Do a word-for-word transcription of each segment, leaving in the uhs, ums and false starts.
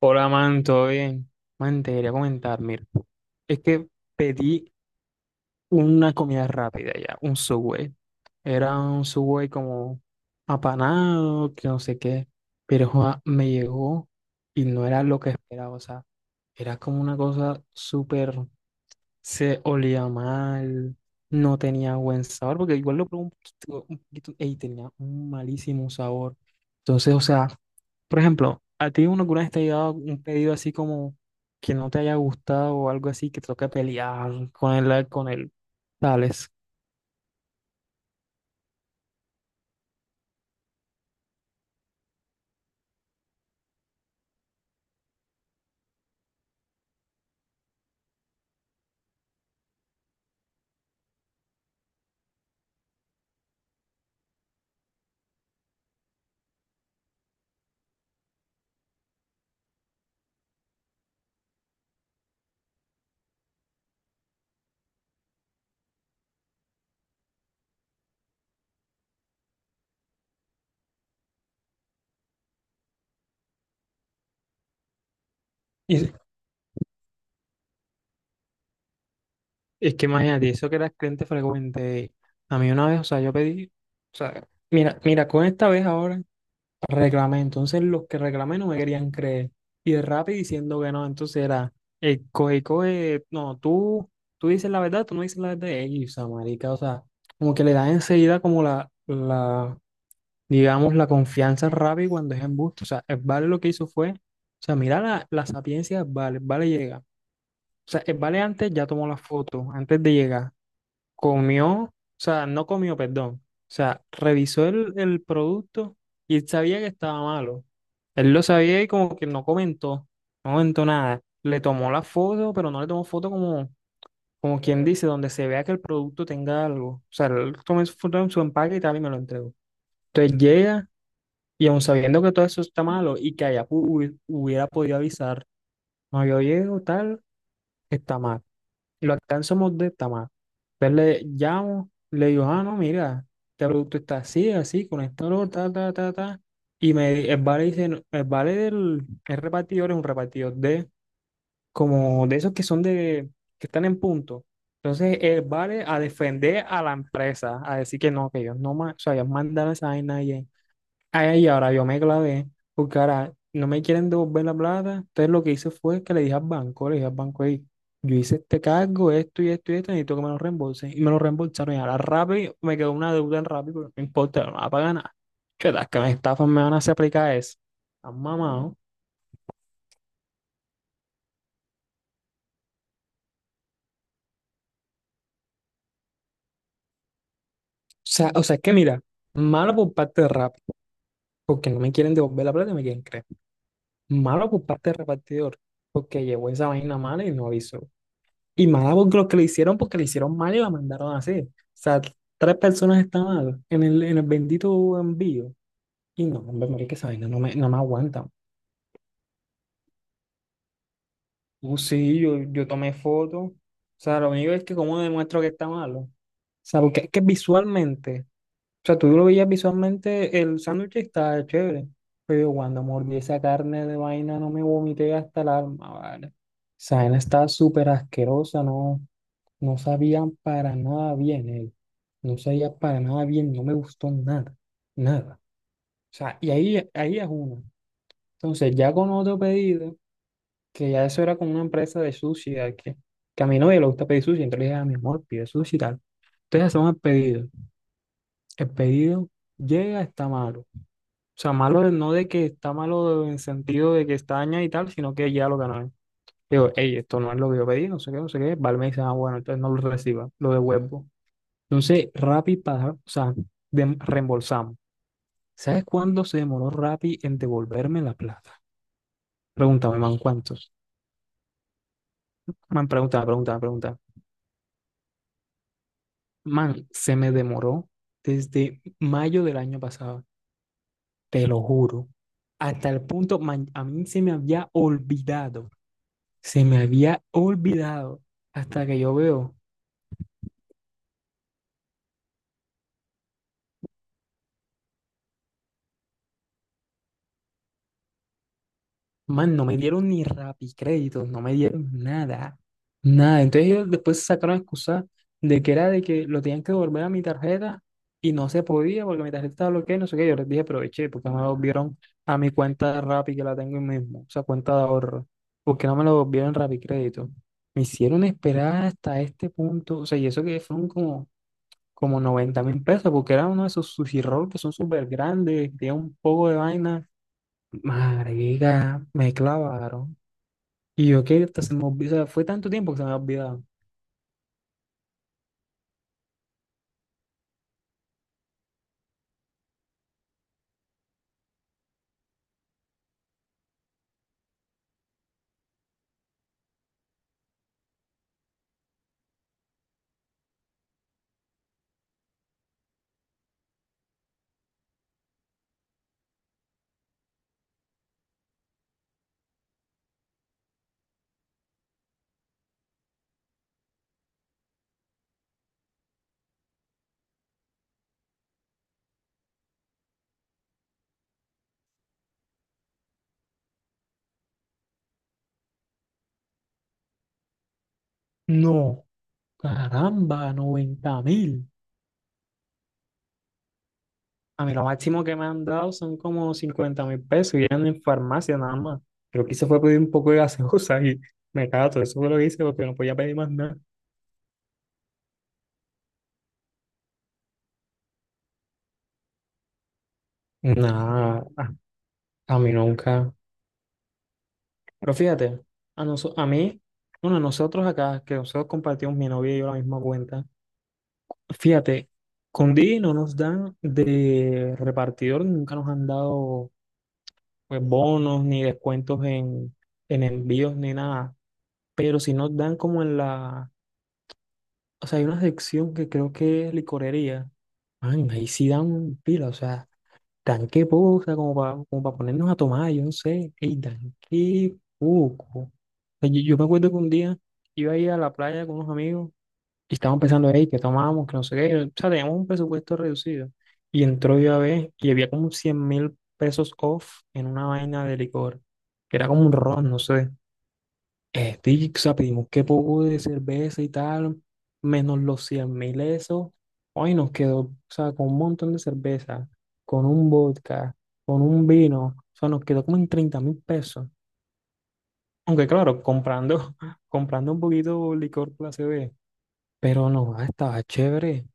Hola, man, ¿todo bien? Man, te quería comentar, mira, es que pedí una comida rápida ya, un Subway. Era un Subway como apanado, que no sé qué, pero joa, me llegó y no era lo que esperaba, o sea, era como una cosa súper, se olía mal, no tenía buen sabor, porque igual lo probé un poquito, un poquito, y tenía un malísimo sabor. Entonces, o sea, por ejemplo, ¿a ti uno alguna vez te ha llegado un pedido así como que no te haya gustado o algo así que te toca pelear con el, con el tales? Y es que imagínate, eso que era cliente frecuente. A mí una vez, o sea, yo pedí, o sea, mira, mira, con esta vez ahora reclamé. Entonces los que reclamé no me querían creer. Y de rápido diciendo que no, entonces era, eh, coge, coge, no, tú, tú dices la verdad, tú no dices la verdad. Ey, o sea, marica, o sea, como que le dan enseguida como la, la digamos, la confianza rápida cuando es embuste. O sea, Vale lo que hizo fue, o sea, mira la, la sapiencia de Vale, Vale llega. O sea, Vale antes ya tomó la foto, antes de llegar, comió, o sea, no comió, perdón. O sea, revisó el, el producto y él sabía que estaba malo. Él lo sabía y como que no comentó, no comentó nada. Le tomó la foto, pero no le tomó foto como, como quien dice, donde se vea que el producto tenga algo. O sea, él tomó su foto en su empaque y tal y me lo entregó. Entonces llega. Y aun sabiendo que todo eso está malo y que allá pu- hubi- hubiera podido avisar, no, yo llego tal, está mal. Y lo alcanzamos de está mal. Entonces le llamo, le digo, ah, no, mira, este producto está así, así, con esto, lo, ta, ta, ta, ta. Y me, di- el vale dice, "No, el vale del el repartidor es un repartidor de, como de esos que son de, que están en punto. Entonces, el vale a defender a la empresa, a decir que no, que ellos no, ma- o sea, ellos mandaron esa vaina. Ay, ahora yo me clavé, porque ahora no me quieren devolver la plata. Entonces lo que hice fue que le dije al banco, le dije al banco, "Ey, yo hice este cargo, esto y esto y esto, necesito que me lo reembolsen. Y me lo reembolsaron. Y ahora rápido me quedó una deuda en rápido, pero no importa, no la pagan nada. Chuetas, que me estafan, me van a hacer aplicar eso. Han mamado. O sea, o sea, es que mira, malo por parte de Rappi, porque no me quieren devolver la plata y me quieren creer. Malo por parte del repartidor, porque llevó esa vaina mala y no avisó. Y mala porque los que le hicieron, porque le hicieron mal y la mandaron así. O sea, tres personas estaban en el, en el bendito envío. Y no, hombre, marica, esa vaina no me, no me aguanta. Uh, sí, yo, yo tomé foto. O sea, lo único es que cómo demuestro que está malo. O sea, porque es que visualmente, o sea, tú lo veías visualmente, el sándwich está chévere. Pero yo cuando mordí esa carne de vaina no me vomité hasta el alma, ¿vale? Esa vaina está súper asquerosa, ¿no? No sabían para nada bien él. No sabía para nada bien, no me gustó nada, nada. O sea, y ahí, ahí es una. Entonces, ya con otro pedido, que ya eso era con una empresa de sushi, de que, que a mi novia le gusta pedir sushi, entonces le dije a mi amor, pide sushi y tal. Entonces hacemos el pedido. El pedido llega, está malo. O sea, malo no de que está malo en sentido de que está dañado y tal, sino que ya lo ganó. Digo, hey, esto no es lo que yo pedí, no sé qué, no sé qué. Vale, me dice, ah, bueno, entonces no lo reciba, lo devuelvo. Entonces, Rappi, pa- o sea, dem- reembolsamos. ¿Sabes cuándo se demoró Rappi en devolverme la plata? Pregúntame, man, ¿cuántos? Man, pregunta, pregunta, pregunta. Man, se me demoró desde mayo del año pasado, te lo juro. Hasta el punto, man, a mí se me había olvidado, se me había olvidado. Hasta que yo veo. Man, no me dieron ni Rappi créditos, no me dieron nada, nada. Entonces ellos después sacaron excusa de que era de que lo tenían que devolver a mi tarjeta y no se podía porque mi tarjeta estaba bloqueada, y no sé qué. Yo les dije, aproveché, porque me lo devolvieron a mi cuenta de Rappi que la tengo ahí mismo, o sea, cuenta de ahorro, porque no me lo devolvieron Rappi crédito. Me hicieron esperar hasta este punto, o sea, y eso que fueron como, como noventa mil pesos, porque era uno de esos sushi roll que son súper grandes, tenía un poco de vaina. Marica, me clavaron. Y yo qué hasta se me olvidó, o sea, fue tanto tiempo que se me ha olvidado. No, caramba, noventa mil. A mí lo máximo que me han dado son como cincuenta mil pesos y eran en farmacia nada más. Lo que hice fue pedir un poco de gaseosa y me cato, eso fue lo que hice porque no podía pedir más nada. Nada, a mí nunca. Pero fíjate, a, noso- a mí, bueno, a nosotros acá, que nosotros compartimos mi novia y yo la misma cuenta, fíjate, con Didi no nos dan de repartidor, nunca nos han dado pues, bonos, ni descuentos en, en envíos, ni nada. Pero si nos dan como en la, o sea, hay una sección que creo que es licorería. Man, ahí sí dan pila, o sea, dan qué poco, o sea, como para como pa ponernos a tomar, yo no sé, ey, dan qué poco. O sea, yo, yo me acuerdo que un día iba a ir a la playa con unos amigos y estábamos pensando, hey, ¿qué tomamos? Que no sé qué. O sea, teníamos un presupuesto reducido. Y entró yo a ver y había como cien mil pesos off en una vaina de licor, que era como un ron, no sé. Este, y, o sea, pedimos qué poco de cerveza y tal, menos los cien mil esos. Hoy nos quedó, o sea, con un montón de cerveza, con un vodka, con un vino. O sea, nos quedó como en treinta mil pesos. Aunque claro, comprando, comprando un poquito licor clase B. Pero no, ah, estaba chévere.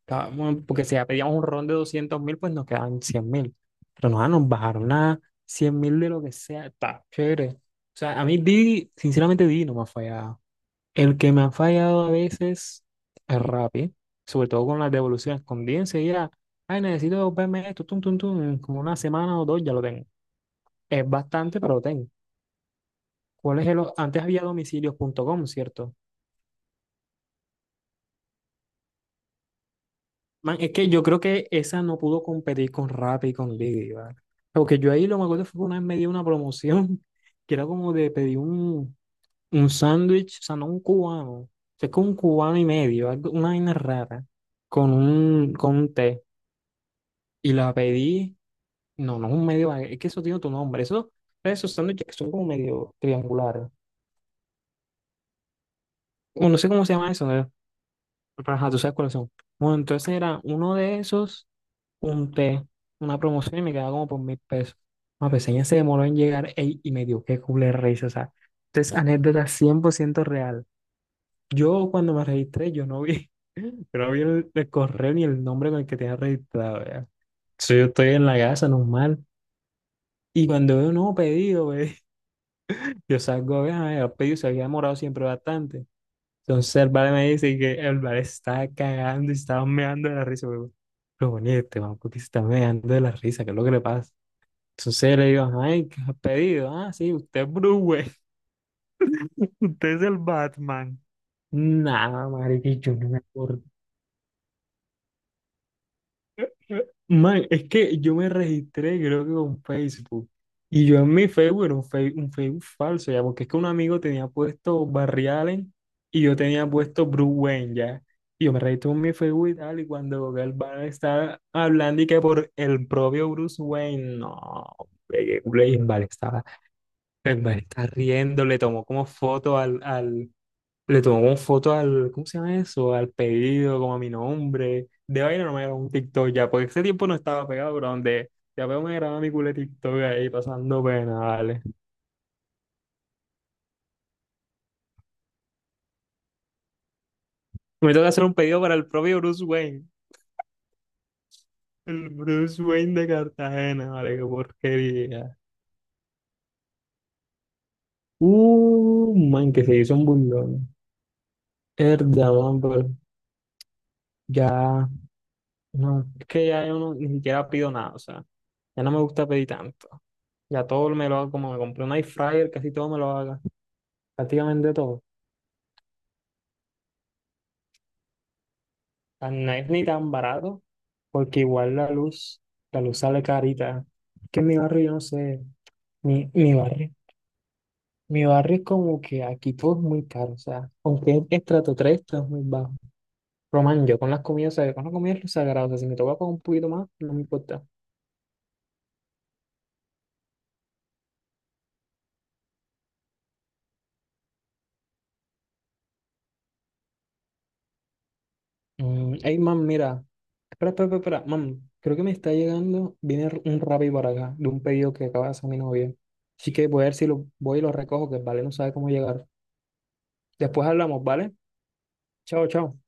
Estábamos- porque si ya pedíamos un ron de doscientos mil, pues nos quedaban cien mil. Pero no, ah, nos bajaron a cien mil de lo que sea. Está chévere. O sea, a mí Didi, sinceramente Didi no me ha fallado. El que me ha fallado a veces es Rappi, sobre todo con las devoluciones. Con Didi enseguida, ay, necesito verme esto, tum, tum, tum, en como una semana o dos ya lo tengo. Es bastante, pero lo tengo. ¿Cuál es el o- Antes había domicilios punto com, ¿cierto? Man, es que yo creo que esa no pudo competir con Rappi y con Didi, ¿vale? Porque yo ahí lo me acuerdo fue que una vez me dio una promoción que era como de pedir un, un sándwich, o sea, no un cubano, o sea, es como un cubano y medio, algo- una vaina rara, con un, con un té. Y la pedí, no, no es un medio, es que eso tiene tu nombre, eso, esos sándwiches que son como medio triangulares. O no sé cómo se llama eso, ¿no? Pero ajá, tú sabes cuáles son. Bueno, entonces era uno de esos un té, una promoción y me quedaba como por mil pesos. La peseña se demoró en llegar ey, y me dio qué culé risa, o sea, entonces anécdota cien por ciento real. Yo cuando me registré, yo no vi, yo no vi el, el correo ni el nombre con el que tenía registrado, ya. Entonces yo estoy en la casa normal y cuando veo un nuevo pedido, ve, yo salgo a ver, ay, el pedido se había demorado siempre bastante. Entonces el vale me dice que el vale estaba cagando y estaba meando de la risa, pero, pero bueno, ¿y este man, ¿por se está meando de la risa? ¿Qué es lo que le pasa? Entonces le digo, ay, ¿qué has pedido? Ah, sí, usted es Bruce Wayne, usted es el Batman. Nada, marica, yo no me acuerdo. Man, es que yo me registré, creo que con Facebook. Y yo en mi Facebook era un, Fe- un Facebook falso, ya, porque es que un amigo tenía puesto Barry Allen y yo tenía puesto Bruce Wayne, ya. Y yo me registré en mi Facebook y tal, y cuando el van estaba hablando y que por el propio Bruce Wayne, no, hombre, qué culo, y el vale, el man está riendo, le tomó como foto al, al, le tomó como foto al, ¿cómo se llama eso? Al pedido, como a mi nombre. De vaina no me grabó un TikTok ya, porque ese tiempo no estaba pegado, pero donde ya veo me grababa mi culo de TikTok ahí pasando pena, vale. Me toca hacer un pedido para el propio Bruce Wayne. El Bruce Wayne de Cartagena, vale, qué porquería. Uh, man, que se hizo un burlón. Herda, man, pero ya, no, es que ya yo no, ni siquiera pido nada, o sea, ya no me gusta pedir tanto. Ya todo me lo hago, como me compré un air fryer, casi todo me lo haga. Prácticamente todo. Ah, no es ni tan barato, porque igual la luz, la luz sale carita. Es que en mi barrio, yo no sé, mi, mi barrio. Mi barrio es como que aquí todo es muy caro, o sea, aunque es estrato tres todo es muy bajo. Román, yo con las comidas, o sea, yo con las comidas es lo sagrado, o sea, si me toca pagar un poquito más, no me importa. Mm, Ey, man, mira, espera, espera, espera, espera. Mam, creo que me está llegando. Viene r- un Rappi por acá, de un pedido que acaba de hacer mi novia. Así que voy a ver si lo voy y lo recojo, que vale, no sabe cómo llegar. Después hablamos, ¿vale? Chao, chao.